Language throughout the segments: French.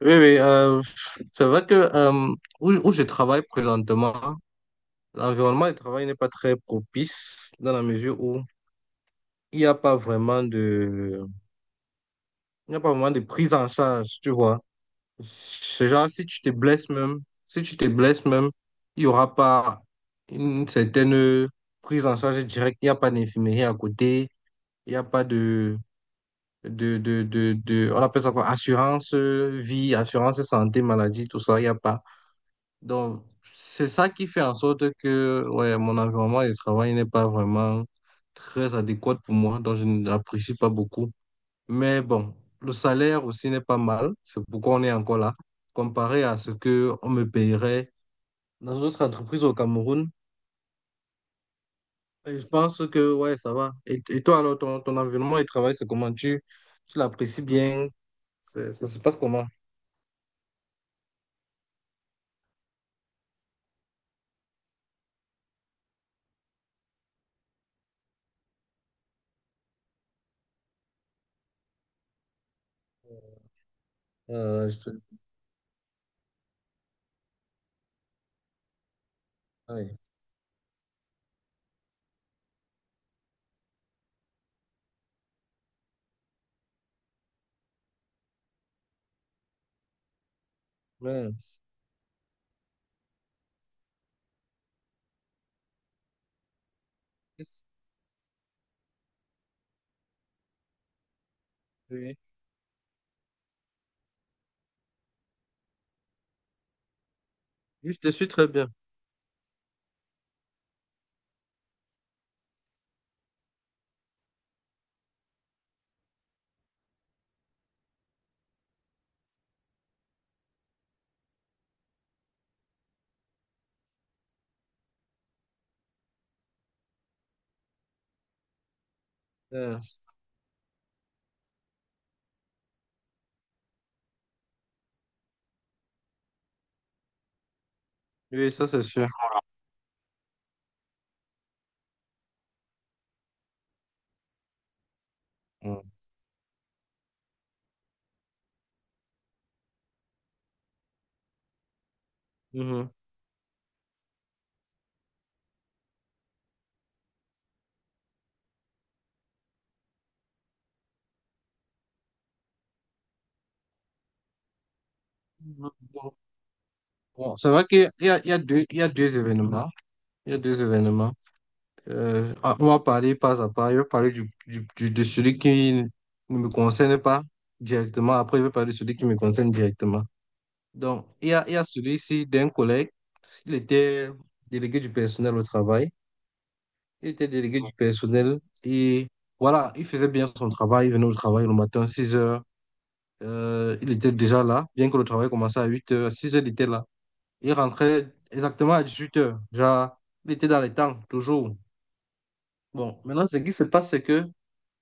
Oui, oui, c'est vrai que où je travaille présentement, l'environnement de travail n'est pas très propice dans la mesure où il n'y a pas vraiment de, il n'y a pas vraiment de prise en charge, tu vois. C'est genre, si tu te blesses même, si tu te blesses même, il n'y aura pas une certaine prise en charge directe, il n'y a pas d'infirmerie à côté, il n'y a pas on appelle ça quoi, assurance vie, assurance santé, maladie, tout ça, il n'y a pas. Donc, c'est ça qui fait en sorte que ouais, mon environnement de travail n'est pas vraiment très adéquat pour moi, donc je n'apprécie pas beaucoup. Mais bon, le salaire aussi n'est pas mal, c'est pourquoi on est encore là, comparé à ce que on me payerait dans une autre entreprise au Cameroun. Et je pense que ouais, ça va. Et toi, alors, ton environnement de travail, c'est comment tu l'apprécies bien? Ça se passe comment? Je te... Ouais. Ouais. Oui, oui, je te suis très bien. Euh, Oui, ça c'est sûr. Mm. Mhm. Bon, bon, c'est vrai qu'il y a deux événements. Il y a deux événements. On va parler pas à pas. Je vais parler de celui qui ne me concerne pas directement. Après, je vais parler de celui qui me concerne directement. Donc, il y a celui-ci d'un collègue. Il était délégué du personnel au travail. Il était délégué du personnel et voilà, il faisait bien son travail. Il venait au travail le matin six heures. Il était déjà là, bien que le travail commençait à 8h. À 6 il était là. Il rentrait exactement à 18h. Genre, il était dans les temps, toujours. Bon, maintenant, ce qui se passe, c'est que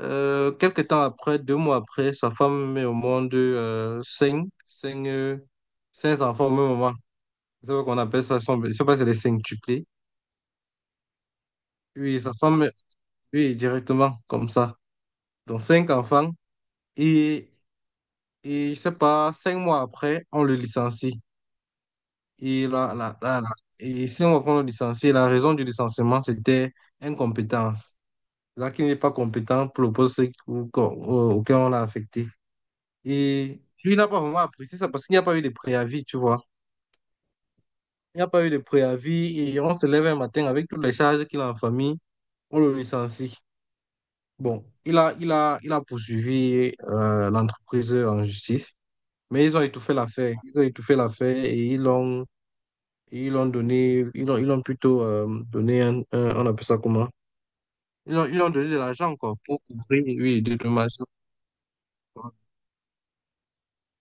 quelques temps après, deux mois après, sa femme met au monde cinq enfants au même moment. C'est ce qu'on appelle ça, je ne sais pas si c'est les cinqutuplés. Oui, sa femme, oui, directement, comme ça. Donc, cinq enfants. Et, et je ne sais pas, cinq mois après, on le licencie. Et là, là, là, là. Et si on reprend le licencié, la raison du licenciement, c'était incompétence. Là, qui n'est pas compétent pour le poste auquel on l'a affecté. Et lui, il n'a pas vraiment apprécié ça parce qu'il n'y a pas eu de préavis, tu vois. Il n'y a pas eu de préavis et on se lève un matin avec toutes les charges qu'il a en famille, on le licencie. Bon, il a poursuivi l'entreprise en justice, mais ils ont étouffé l'affaire. Ils ont étouffé l'affaire et ils ont plutôt donné on appelle ça comment? Ils ont donné de l'argent, quoi, pour couvrir, oui, des dommages.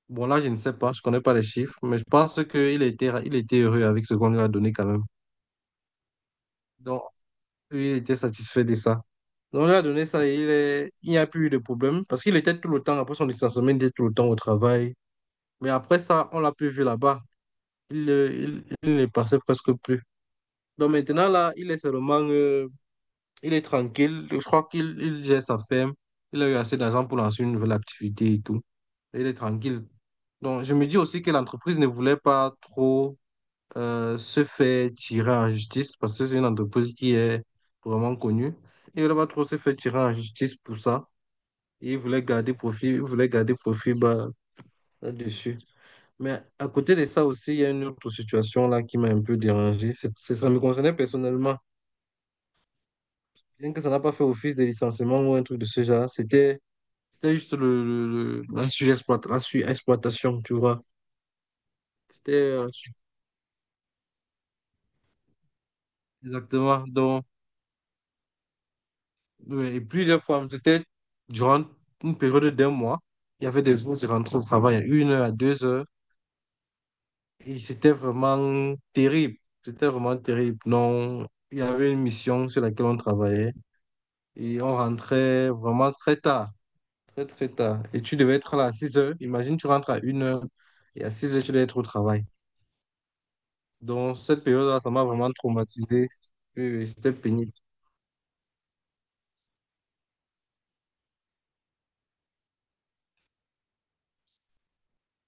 Bon, là, je ne sais pas, je connais pas les chiffres, mais je pense il était heureux avec ce qu'on lui a donné quand même. Donc, lui, il était satisfait de ça. Donc, on lui a donné ça et il n'y a plus eu de problème parce qu'il était tout le temps, après son licenciement, il était tout le temps au travail. Mais après ça, on l'a plus vu là-bas. Il ne passait presque plus. Donc, maintenant, là, il est seulement il est tranquille. Je crois qu'il gère sa ferme. Il a eu assez d'argent pour lancer une nouvelle activité et tout. Il est tranquille. Donc, je me dis aussi que l'entreprise ne voulait pas trop se faire tirer en justice parce que c'est une entreprise qui est vraiment connue. Il ne voulait pas trop se faire tirer en justice pour ça. Il voulait garder profit, il voulait garder profit bas, là-dessus. Mais à côté de ça aussi, il y a une autre situation là qui m'a un peu dérangé. Ça me concernait personnellement. Bien que ça n'a pas fait office de licenciement ou un truc de ce genre, c'était juste la surexploitation, tu vois. C'était exactement. Donc, ouais, et plusieurs fois, c'était durant une période d'un mois. Il y avait des jours, je rentrais au travail à une heure, à deux heures. Et c'était vraiment terrible. C'était vraiment terrible. Non, il y avait une mission sur laquelle on travaillait. Et on rentrait vraiment très tard. Très, très tard. Et tu devais être là à 6 heures. Imagine, tu rentres à une heure. Et à 6 heures, tu devais être au travail. Donc, cette période-là, ça m'a vraiment traumatisé. Oui, oui, c'était pénible.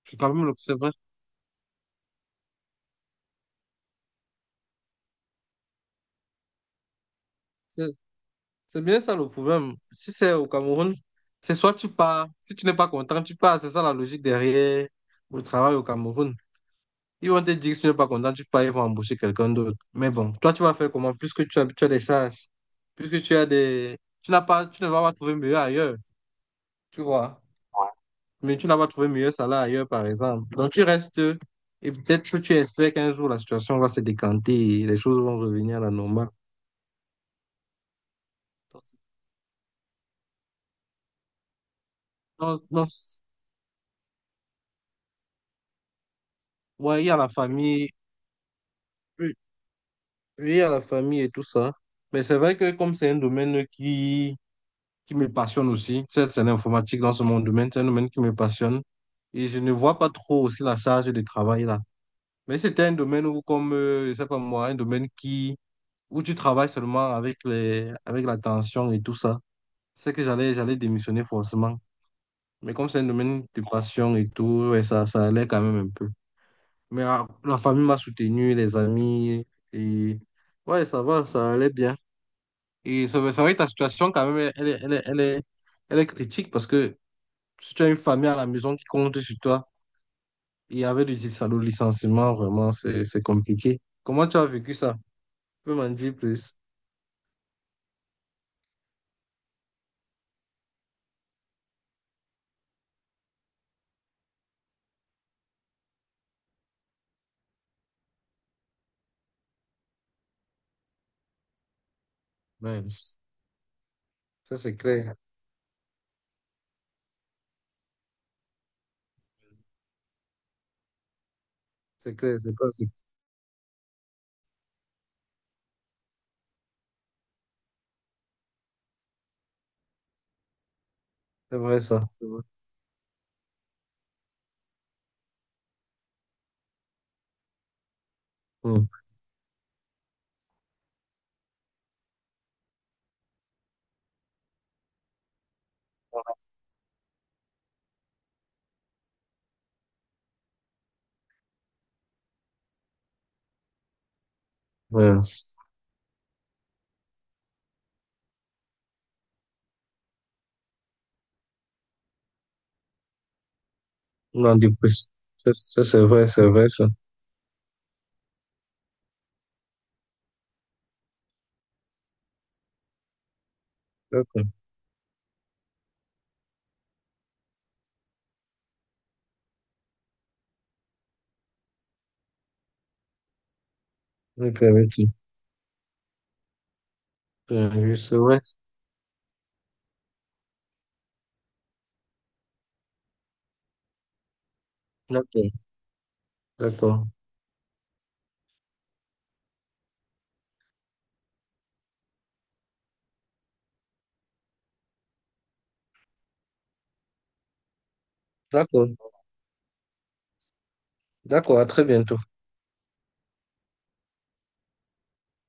C'est quand même, c'est vrai. C'est c'est bien ça le problème. Tu sais, au Cameroun, c'est soit tu pars, si tu n'es pas content, tu pars. C'est ça la logique derrière le travail au Cameroun. Ils vont te dire que si tu n'es pas content, tu pars, ils vont embaucher quelqu'un d'autre. Mais bon, toi, tu vas faire comment? Puisque tu as des charges, puisque tu as des. Tu ne vas pas trouver mieux ailleurs. Tu vois? Mais tu n'as pas trouvé mieux salaire ailleurs, par exemple. Donc, tu restes et peut-être que tu espères qu'un jour, la situation va se décanter et les choses vont revenir à la normale. Non, non, ouais, il y a la famille, oui, il y a la famille et tout ça. Mais c'est vrai que comme c'est un domaine qui me passionne aussi, tu sais, c'est l'informatique dans ce mon domaine, c'est un domaine qui me passionne. Et je ne vois pas trop aussi la charge de travail là. Mais c'était un domaine où, comme, je sais pas moi, un domaine où tu travailles seulement avec avec la tension et tout ça. C'est que j'allais démissionner forcément. Mais comme c'est un domaine de passion et tout, ouais, ça allait quand même un peu. Mais ah, la famille m'a soutenu, les amis, et ouais, ça va, ça allait bien. Et c'est vrai que ta situation, quand même, elle est critique parce que si tu as une famille à la maison qui compte sur toi, et avec du salaud licenciement, vraiment, c'est compliqué. Comment tu as vécu ça? Tu peux m'en dire plus? Nice. Ça, c'est clair. C'est clair, c'est pas, c'est vrai, ça. C'est vrai. Hmm. Ouais. Non, dépressif. C'est vrai, ça. D'accord. Ok, ok. C'est vrai. D'accord. D'accord. D'accord. D'accord. À très bientôt.